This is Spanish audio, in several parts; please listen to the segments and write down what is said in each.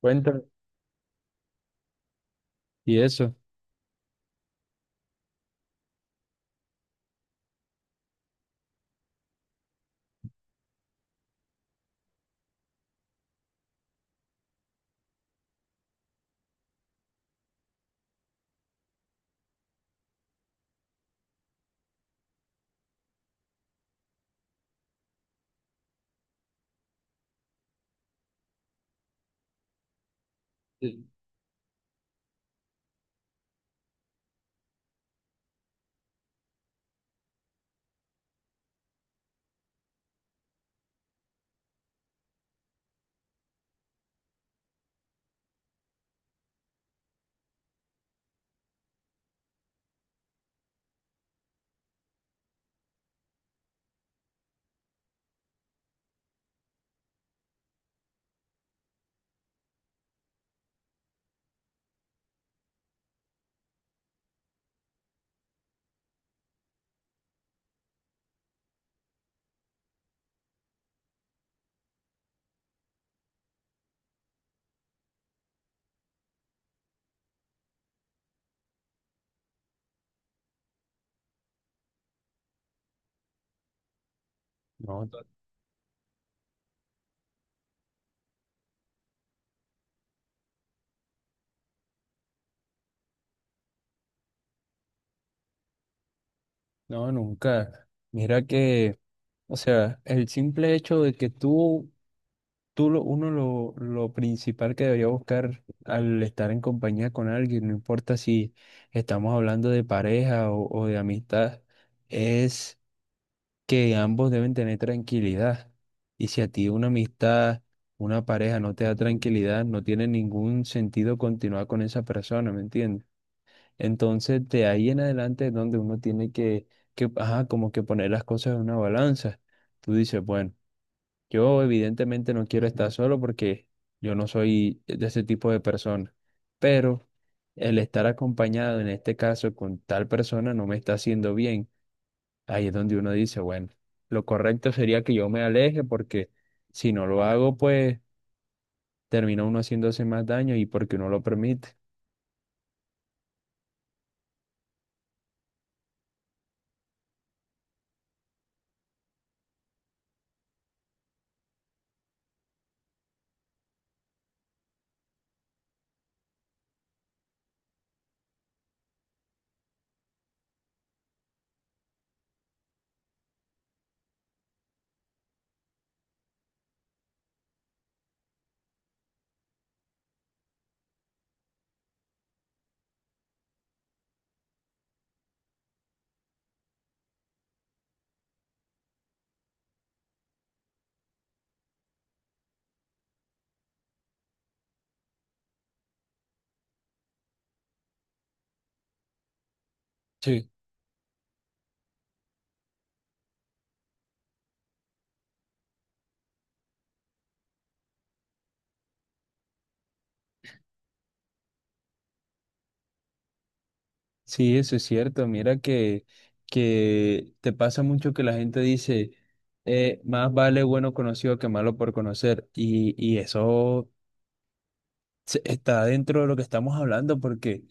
Cuéntame. Y eso. Sí. No, to- no, nunca. Mira que, o sea, el simple hecho de que uno lo principal que debería buscar al estar en compañía con alguien, no importa si estamos hablando de pareja o de amistad, es que ambos deben tener tranquilidad. Y si a ti una amistad, una pareja no te da tranquilidad, no tiene ningún sentido continuar con esa persona, ¿me entiendes? Entonces, de ahí en adelante es donde uno tiene que, ajá, como que poner las cosas en una balanza. Tú dices, bueno, yo evidentemente no quiero estar solo porque yo no soy de ese tipo de persona, pero el estar acompañado en este caso con tal persona no me está haciendo bien. Ahí es donde uno dice, bueno, lo correcto sería que yo me aleje porque si no lo hago, pues termina uno haciéndose más daño y porque no lo permite. Sí. Sí, eso es cierto. Mira que te pasa mucho que la gente dice, más vale bueno conocido que malo por conocer. Y eso está dentro de lo que estamos hablando, porque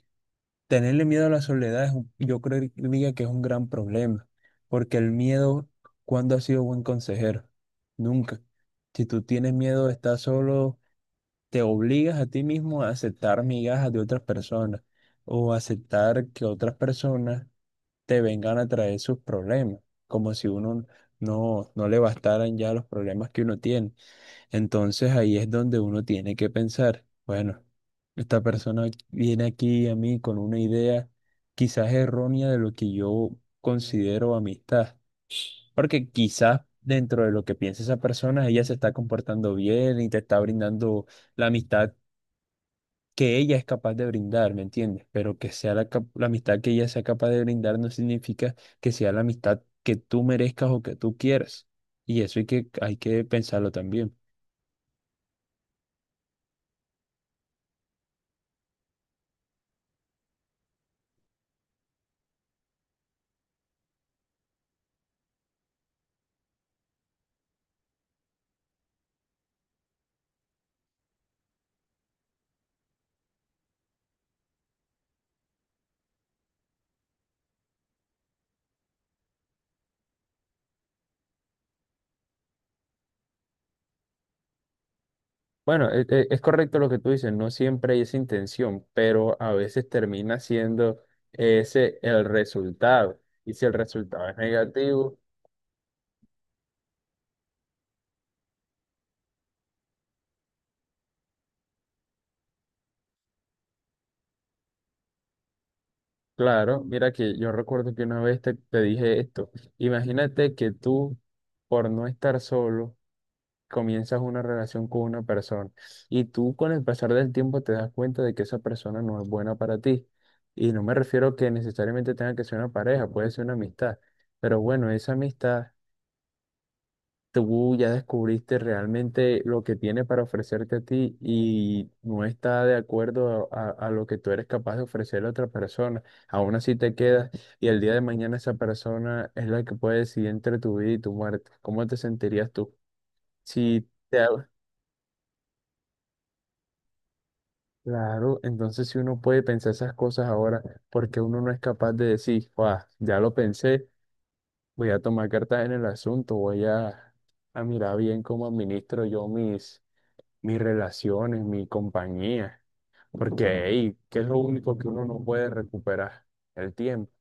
tenerle miedo a la soledad yo creo que es un gran problema, porque el miedo, ¿cuándo ha sido buen consejero? Nunca. Si tú tienes miedo de estar solo, te obligas a ti mismo a aceptar migajas de otras personas o aceptar que otras personas te vengan a traer sus problemas, como si uno no le bastaran ya los problemas que uno tiene. Entonces ahí es donde uno tiene que pensar, bueno, esta persona viene aquí a mí con una idea quizás errónea de lo que yo considero amistad, porque quizás dentro de lo que piensa esa persona, ella se está comportando bien y te está brindando la amistad que ella es capaz de brindar, ¿me entiendes? Pero que sea la amistad que ella sea capaz de brindar no significa que sea la amistad que tú merezcas o que tú quieras. Y eso hay que pensarlo también. Bueno, es correcto lo que tú dices, no siempre hay esa intención, pero a veces termina siendo ese el resultado. Y si el resultado es negativo, claro, mira que yo recuerdo que una vez te dije esto, imagínate que tú, por no estar solo, comienzas una relación con una persona y tú con el pasar del tiempo te das cuenta de que esa persona no es buena para ti. Y no me refiero que necesariamente tenga que ser una pareja, puede ser una amistad, pero bueno, esa amistad tú ya descubriste realmente lo que tiene para ofrecerte a ti y no está de acuerdo a lo que tú eres capaz de ofrecerle a otra persona. Aún así te quedas y el día de mañana esa persona es la que puede decidir entre tu vida y tu muerte. ¿Cómo te sentirías tú? Si te... Claro, entonces si uno puede pensar esas cosas ahora, porque uno no es capaz de decir, "Guau, ya lo pensé, voy a tomar cartas en el asunto, a mirar bien cómo administro yo mis relaciones, mi compañía, porque hey, ¿qué es lo único que uno no puede recuperar? El tiempo.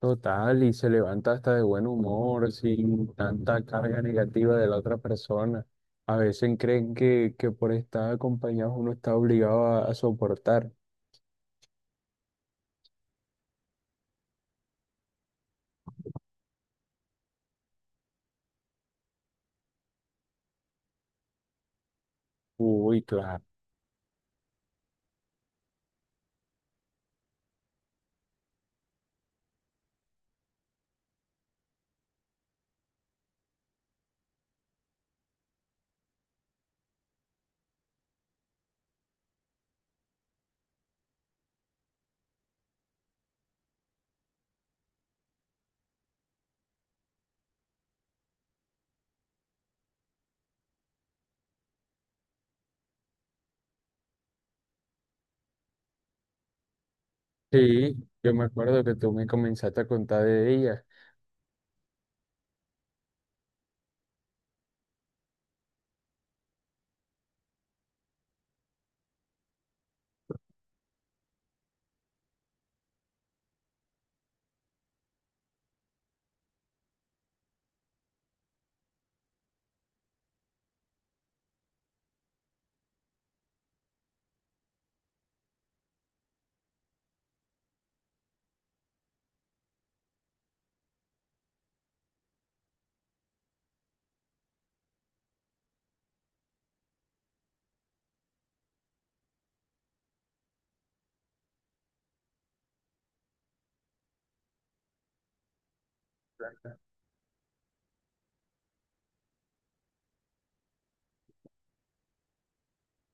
Total, y se levanta hasta de buen humor, sin tanta carga negativa de la otra persona. A veces creen que por estar acompañados uno está obligado a soportar. Uy, claro. Sí, yo me acuerdo que tú me comenzaste a contar de ella.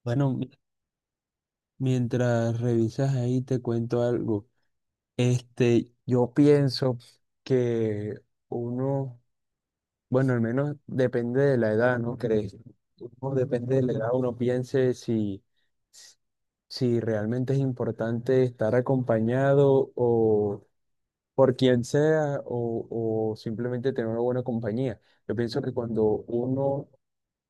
Bueno, mi- Mientras revisas ahí te cuento algo. Este, yo pienso que uno, bueno, al menos depende de la edad, ¿no crees? Uno depende de la edad, uno piense si realmente es importante estar acompañado o por quien sea o simplemente tener una buena compañía. Yo pienso que cuando uno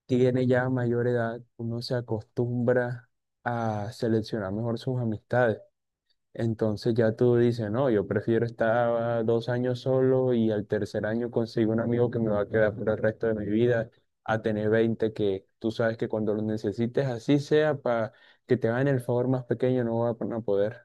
tiene ya mayor edad, uno se acostumbra a seleccionar mejor sus amistades. Entonces ya tú dices, no, yo prefiero estar 2 años solo y al 3.er año consigo un amigo que me va a quedar por el resto de mi vida, a tener 20 que tú sabes que cuando lo necesites, así sea, para que te hagan el favor más pequeño, no van a poder.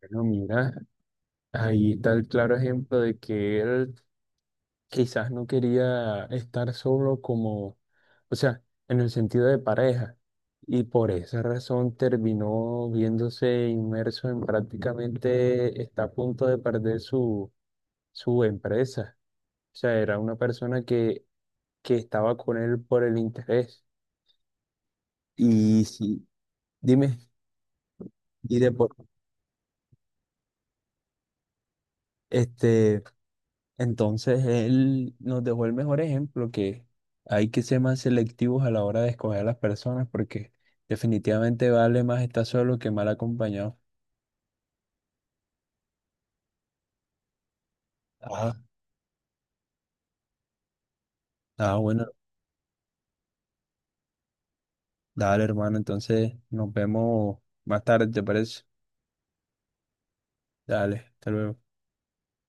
Pero mira, ahí está el claro ejemplo de que él quizás no quería estar solo como, o sea, en el sentido de pareja. Y por esa razón terminó viéndose inmerso en prácticamente, está a punto de perder su empresa. O sea, era una persona que estaba con él por el interés. Y sí, dime, y de por, este, entonces él nos dejó el mejor ejemplo que hay que ser más selectivos a la hora de escoger a las personas porque definitivamente vale más estar solo que mal acompañado. Ah, ah, bueno, dale hermano, entonces nos vemos más tarde, ¿te parece? Dale, hasta luego.